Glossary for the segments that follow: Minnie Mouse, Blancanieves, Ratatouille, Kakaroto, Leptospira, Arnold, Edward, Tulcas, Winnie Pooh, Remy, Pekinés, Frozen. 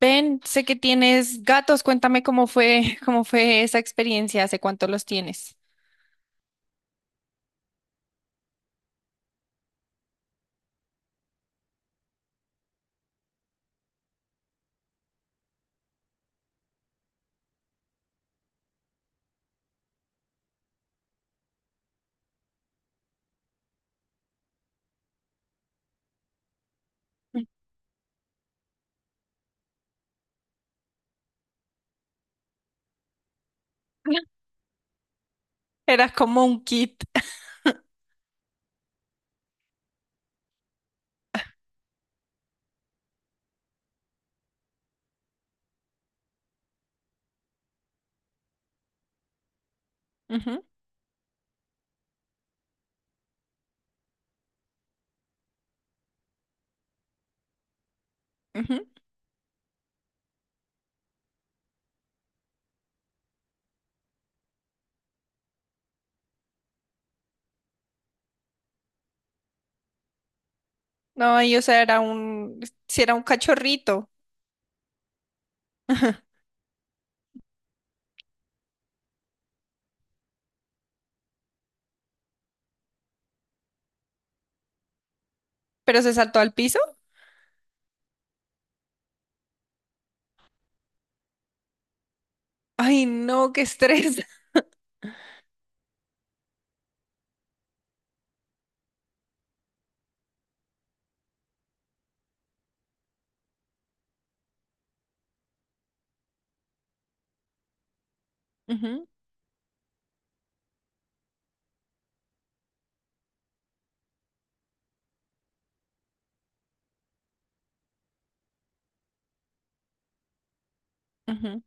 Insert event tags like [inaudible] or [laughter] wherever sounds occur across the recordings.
Ben, sé que tienes gatos, cuéntame cómo fue, [laughs] cómo fue esa experiencia, hace cuánto los tienes. [laughs] Era como un kit. Ujú, ujú. No, y o sea, era un, si era un cachorrito. [laughs] Ajá. Pero se saltó al piso. Ay, no, qué estrés. Ujú, ujú.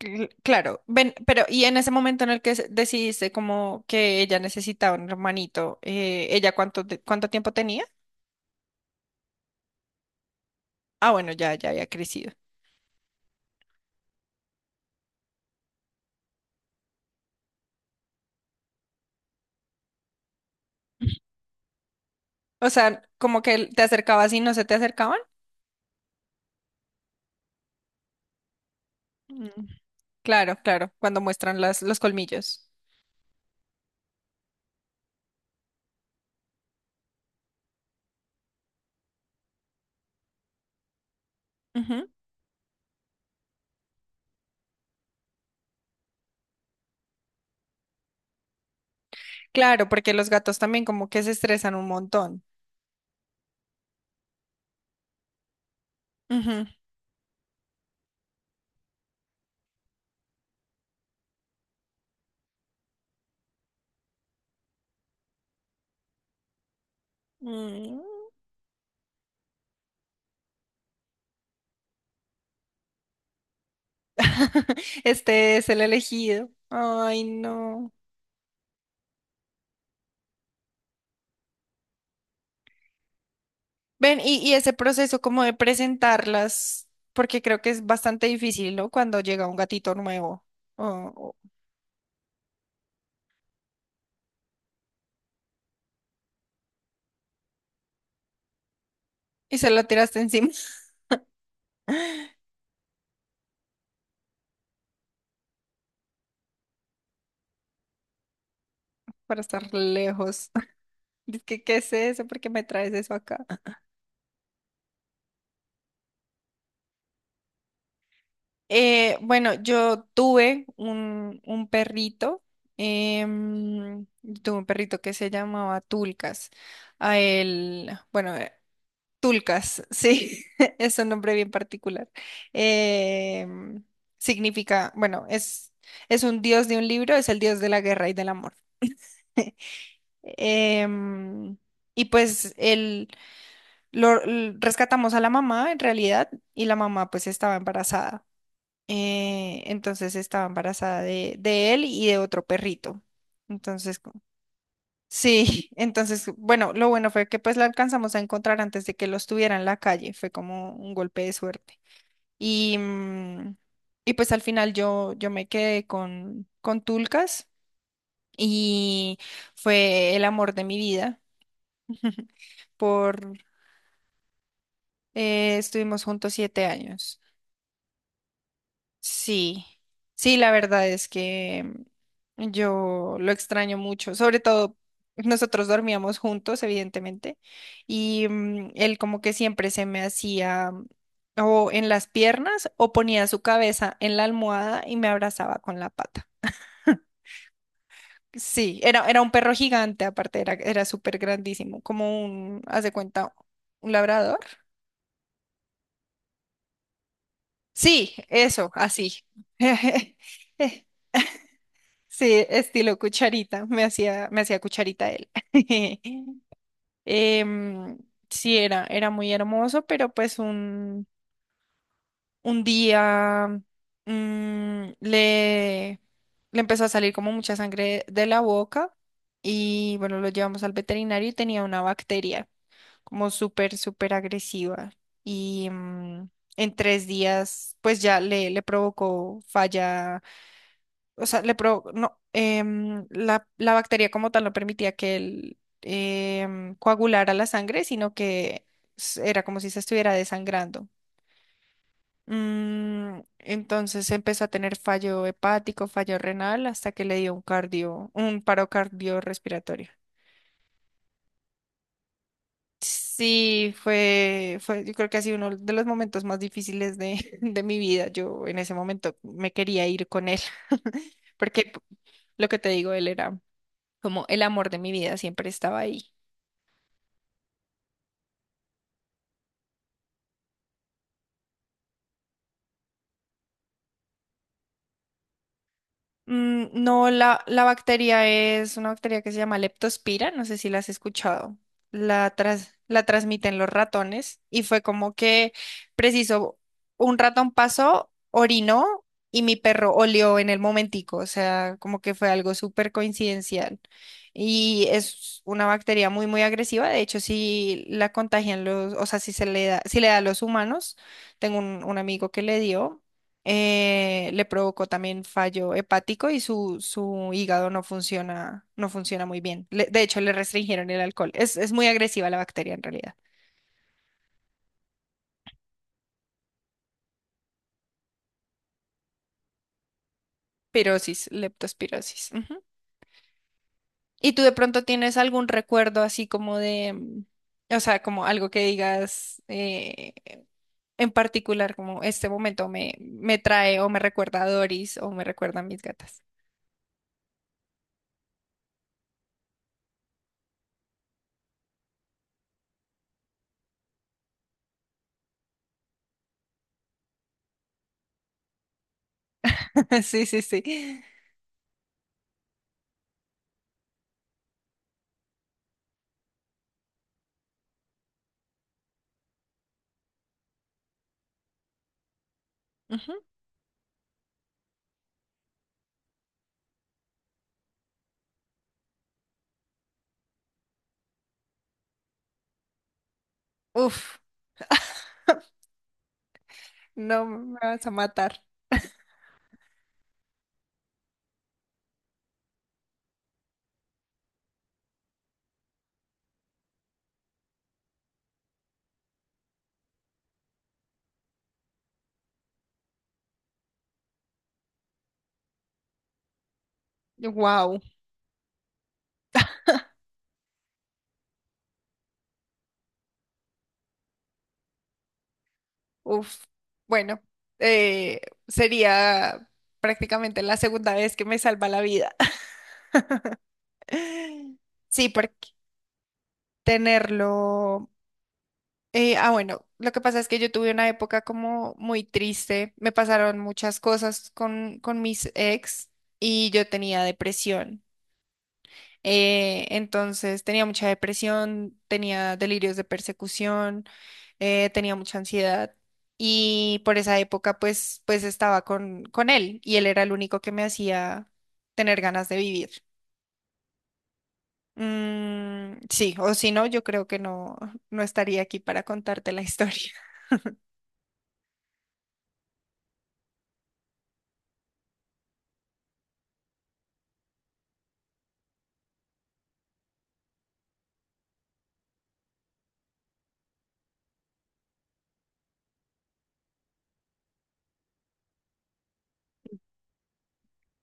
Claro, ven, pero y en ese momento en el que decidiste como que ella necesitaba un hermanito, ¿ella cuánto, cuánto tiempo tenía? Ah, bueno, ya, ya había crecido. O sea, como que te acercabas y no se te acercaban. Mm, claro, claro, cuando muestran las, los colmillos. Claro, porque los gatos también como que se estresan un montón. Ujú. Mm. Este es el elegido. Ay, no. Ven, y ese proceso como de presentarlas, porque creo que es bastante difícil, ¿no? Cuando llega un gatito nuevo o- o- y se lo tiraste encima. [laughs] Para estar lejos. [laughs] Dice que, ¿qué es eso? ¿Por qué me traes eso acá? Bueno, yo tuve un perrito, em, tuve un perrito que se llamaba Tulcas. A él, bueno, Tulcas, sí, [laughs] es un nombre bien particular. Em, Significa, bueno, es un dios de un libro, es el dios de la guerra y del amor. [laughs] Em, y pues él, rescatamos a la mamá en realidad y la mamá pues estaba embarazada. Entonces estaba embarazada de él y de otro perrito. Entonces, sí, [laughs] entonces, bueno, lo bueno fue que pues la alcanzamos a encontrar antes de que los tuviera en la calle. Fue como un golpe de suerte. Y, y pues al final yo me quedé con Tulcas y fue el amor de mi vida. [laughs] Por, estuvimos juntos 7 años. Sí, sí, la verdad es que yo lo extraño mucho, sobre todo nosotros dormíamos juntos, evidentemente, y él como que siempre se me hacía o en las piernas o ponía su cabeza en la almohada y me abrazaba con la pata. Sí, era, era un perro gigante, aparte era, era súper grandísimo, como un, haz de cuenta, un labrador. Sí, eso, así. [laughs] Sí, estilo cucharita, me hacía cucharita él. [laughs] Em, sí, era, era muy hermoso, pero pues un día le, le empezó a salir como mucha sangre de la boca y bueno, lo llevamos al veterinario y tenía una bacteria como súper, súper agresiva y en tres días pues ya le provocó falla, o sea, le no, la, la bacteria como tal no permitía que él coagulara la sangre, sino que era como si se estuviera desangrando. Entonces empezó a tener fallo hepático, fallo renal, hasta que le dio un cardio, un paro cardiorrespiratorio. Sí, fue, fue, yo creo que ha sido uno de los momentos más difíciles de, [laughs] de mi vida. Yo en ese momento me quería ir con él, [laughs] porque lo que te digo, él era como el amor de mi vida, siempre estaba ahí. No, la bacteria es una bacteria que se llama Leptospira, no sé si la has escuchado. La, la transmiten los ratones y fue como que, preciso, un ratón pasó, orinó y mi perro olió en el momentico, o sea, como que fue algo súper coincidencial. Y es una bacteria muy, muy agresiva, de hecho, si la contagian los, o sea, si se le da, si le da a los humanos, tengo un amigo que le dio. Le provocó también fallo hepático y su hígado no funciona, no funciona muy bien. De hecho, le restringieron el alcohol. Es muy agresiva la bacteria en realidad. Pirosis, leptospirosis. Ujú. ¿Y tú de pronto tienes algún recuerdo así como de, o sea, como algo que digas, en particular, como este momento me, me trae o me recuerda a Doris o me recuerda a mis gatas? [laughs] Sí, sí, sí. Ujú. Uf, no me vas a matar. Wow. Uf, bueno, eh, sería prácticamente la segunda vez que me salva la vida. [laughs] Sí, porque tenerlo... bueno, lo que pasa es que yo tuve una época como muy triste, me pasaron muchas cosas con mis ex y yo tenía depresión. Entonces tenía mucha depresión, tenía delirios de persecución, tenía mucha ansiedad y por esa época pues, pues estaba con él y él era el único que me hacía tener ganas de vivir. Sí, o si no, yo creo que no, no estaría aquí para contarte la historia. [laughs]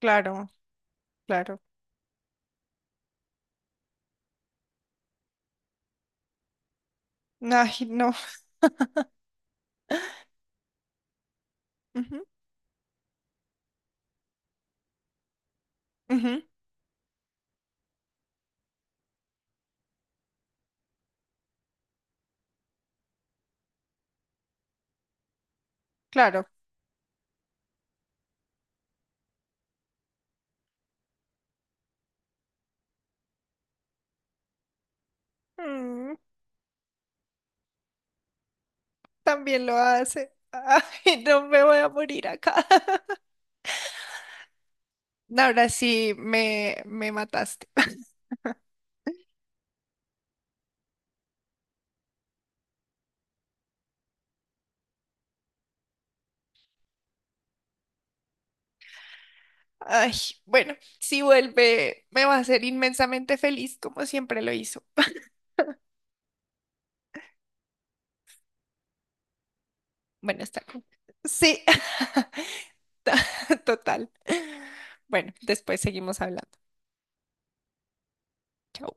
Claro, claro. Ay, no. Ujú, ujú, claro. Mm, también lo hace. [laughs] Ay, no me voy a morir acá. Ahora sí me mataste. [laughs] Ay, bueno, si vuelve, me va a hacer inmensamente feliz, como siempre lo hizo. Bueno, está bien. Sí, [laughs] total. Bueno, después seguimos hablando. Chao.